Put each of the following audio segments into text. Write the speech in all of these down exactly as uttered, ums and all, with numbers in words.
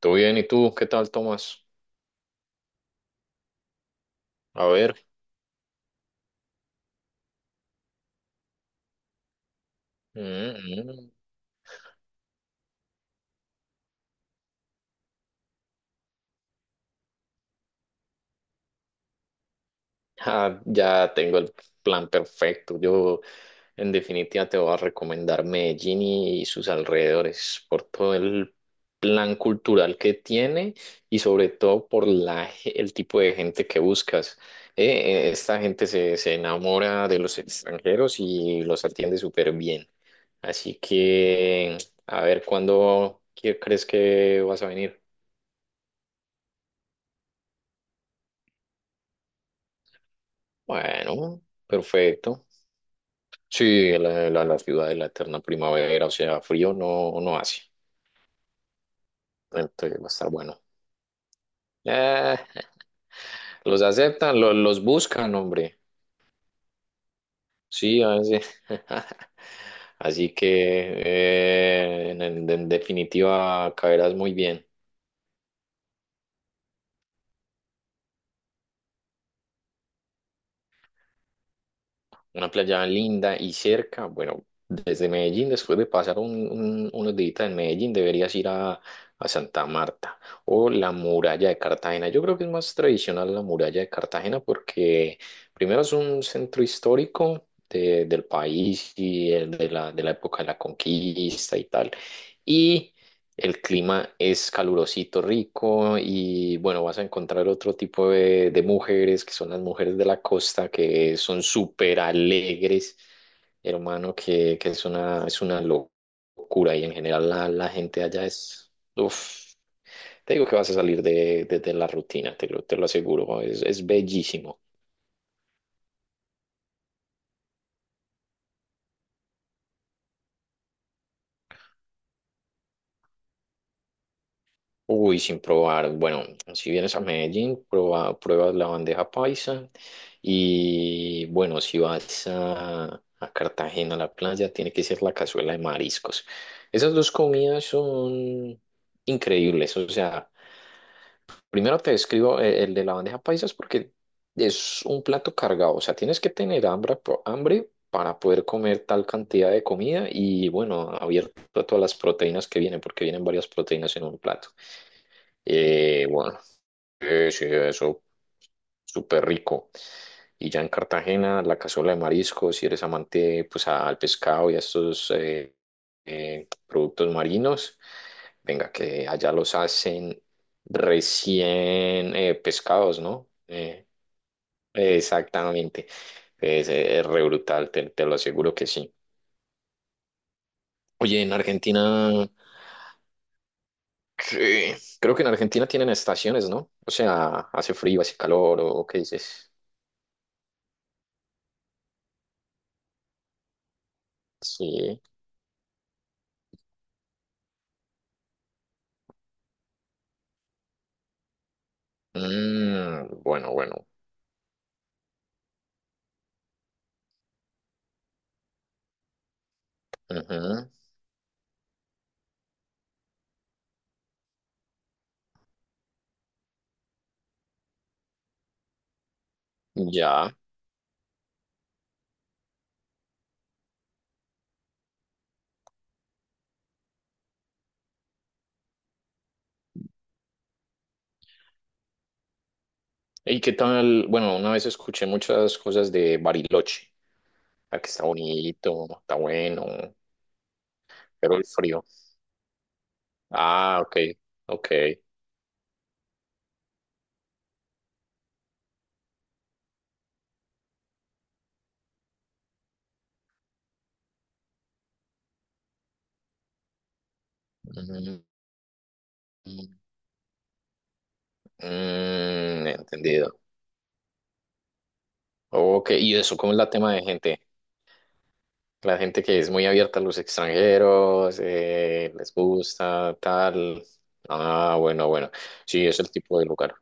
¿Todo bien? ¿Y tú? ¿Qué tal, Tomás? A ver. Mm, mm. Ah, ya tengo el plan perfecto. Yo, en definitiva, te voy a recomendar Medellín y sus alrededores por todo el plan cultural que tiene y sobre todo por la, ge- el tipo de gente que buscas. Eh, eh, esta gente se, se enamora de los extranjeros y los atiende súper bien. Así que, a ver, ¿cuándo quie- ¿crees que vas a venir? Bueno, perfecto. Sí, la, la- la ciudad de la eterna primavera, o sea, frío no, no hace. Entonces va a estar bueno. Eh, los aceptan, lo- los buscan, hombre. Sí, a veces. Así que eh, en, en- en definitiva caerás muy bien. Una playa linda y cerca. Bueno, desde Medellín, después de pasar un- un- unos días en Medellín, deberías ir a, a Santa Marta o la muralla de Cartagena. Yo creo que es más tradicional la muralla de Cartagena porque primero es un centro histórico de- del país y el de la, de la época de la conquista y tal. Y el clima es calurosito, rico y bueno, vas a encontrar otro tipo de, de mujeres que son las mujeres de la costa que son súper alegres, hermano, que, que es una, es una locura y en general la, la gente allá es, uf, te digo que vas a salir de, de- de la rutina, te lo, te lo aseguro, es, es bellísimo. Uy, sin probar. Bueno, si vienes a Medellín, prueba pruebas la bandeja paisa. Y bueno, si vas a, a Cartagena, a la playa, tiene que ser la cazuela de mariscos. Esas dos comidas son increíbles. O sea, primero te describo e- el, de la bandeja paisa es porque es un plato cargado. O sea, tienes que tener hambre, po- hambre para poder comer tal cantidad de comida y bueno, abierto a todas las proteínas que vienen, porque vienen varias proteínas en un plato. Eh, bueno, sí, sí, eso, súper rico. Y ya en Cartagena, la cazuela de mariscos, si eres amante pues al pescado y a estos eh, eh, productos marinos, venga, que allá los hacen recién eh, pescados, ¿no? Eh, exactamente. Es, es re brutal, te, te lo aseguro que sí. Oye, en Argentina, ¿qué? Creo que en Argentina tienen estaciones, ¿no? O sea, hace frío, hace calor, ¿o o qué dices? Sí. Mm, bueno, bueno. Ujú, ya. ¿Y qué tal? Bueno, una vez escuché muchas cosas de Bariloche. Ah, que está bonito, está bueno, pero el frío. Ah, ok, ok. Mm, mm, entendido. Ok, ¿y eso cómo es la tema de gente? La gente que es muy abierta a los extranjeros, eh, les gusta, tal. Ah, bueno, bueno. Sí, es el tipo de lugar.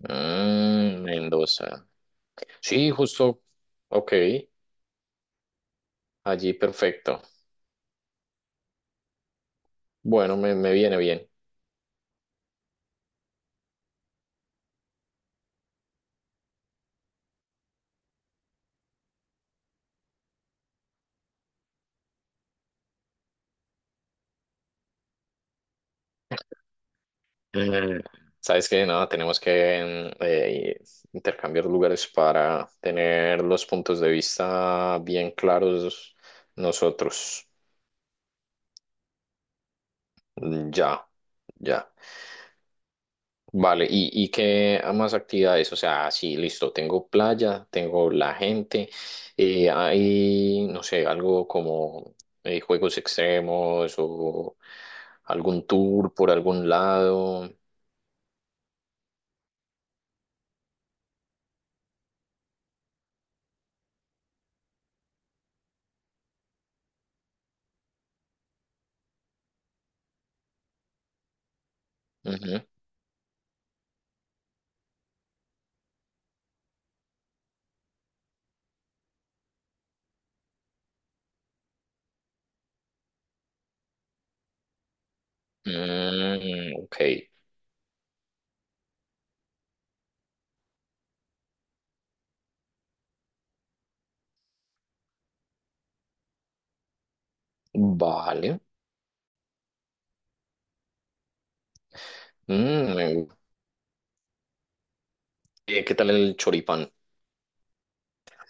Mm, Mendoza. Sí, justo. Ok, allí perfecto. Bueno, me, me viene bien. Eh, sabes que nada, tenemos que mm, eh, intercambiar lugares para tener los puntos de vista bien claros nosotros. Mm, ya, ya. Vale, ¿y, y qué más actividades? O sea, sí, listo, tengo playa, tengo la gente, eh, hay, no sé, algo como eh, juegos extremos o algún tour por algún lado. Ujú. Mm, ok, vale. Mm, me- gu- eh, ¿qué tal el choripán?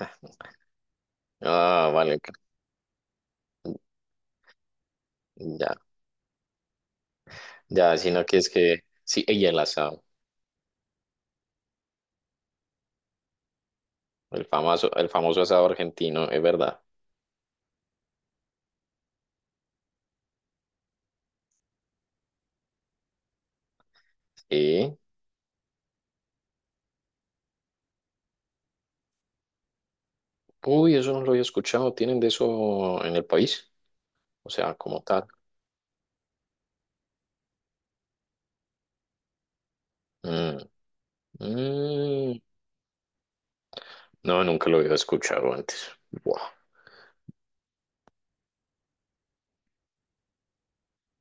Ah, vale, ok, ya, ya, sino que es que, sí, y el asado, el famoso, el famoso asado argentino, es verdad. Sí. Uy, eso no lo había escuchado. ¿Tienen de eso en el país? O sea, como tal. Mm, mm, no, nunca lo había escuchado antes. Buah.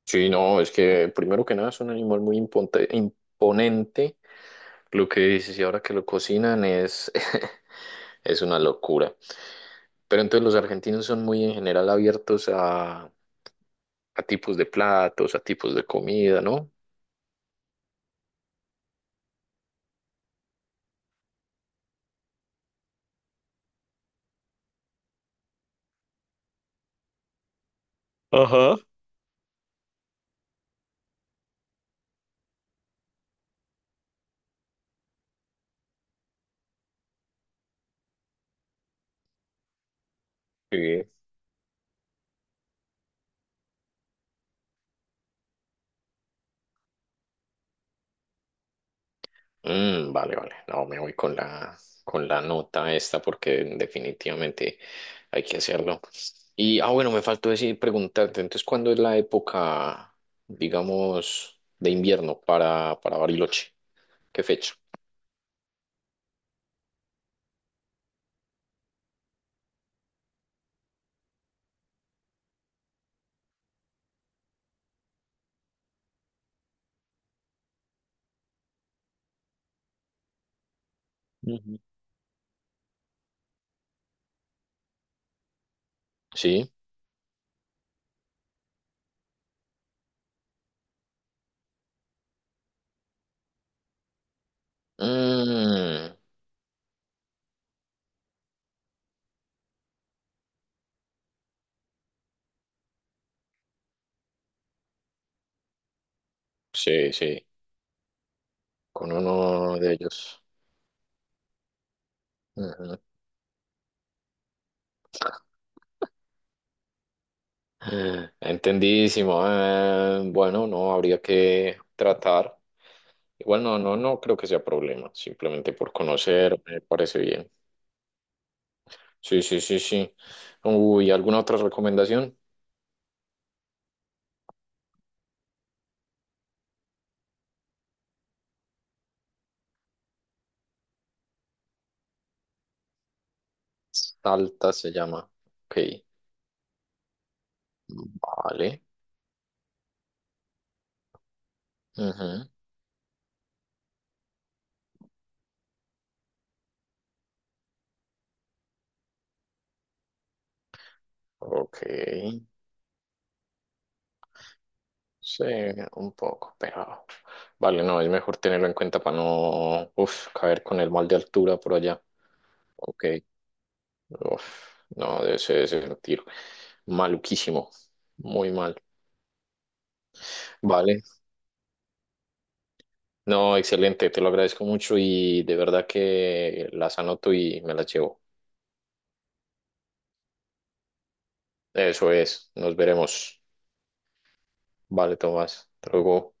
Sí, no, es que primero que nada es un animal muy imponte- imponente. Lo que dices, y ahora que lo cocinan es, es una locura. Pero entonces los argentinos son muy en general abiertos a, a tipos de platos, a tipos de comida, ¿no? Ajá. Sí. Mm, vale, vale. No, me voy con la, con la nota esta porque definitivamente hay que hacerlo. Y, ah, bueno, me faltó decir, preguntarte, entonces, ¿cuándo es la época, digamos, de invierno para, para Bariloche? ¿Qué fecha? Ujú. ¿Sí? Mm, sí, sí, con uno de ellos. Entendidísimo. Eh, bueno, no habría que tratar. Igual no, no, no creo que sea problema. Simplemente por conocer, me parece bien. Sí, sí, sí, sí. Uy, ¿alguna otra recomendación? Salta se llama. Ok. Vale. Ujú. Ok. Sí, un poco, pero vale, no, es mejor tenerlo en cuenta para no, uf, caer con el mal de altura por allá. Ok. Uf, no, debe ser debe ser un tiro, maluquísimo, muy mal. Vale, no, excelente, te lo agradezco mucho y de verdad que las anoto y me las llevo. Eso es, nos veremos. Vale, Tomás, hasta luego.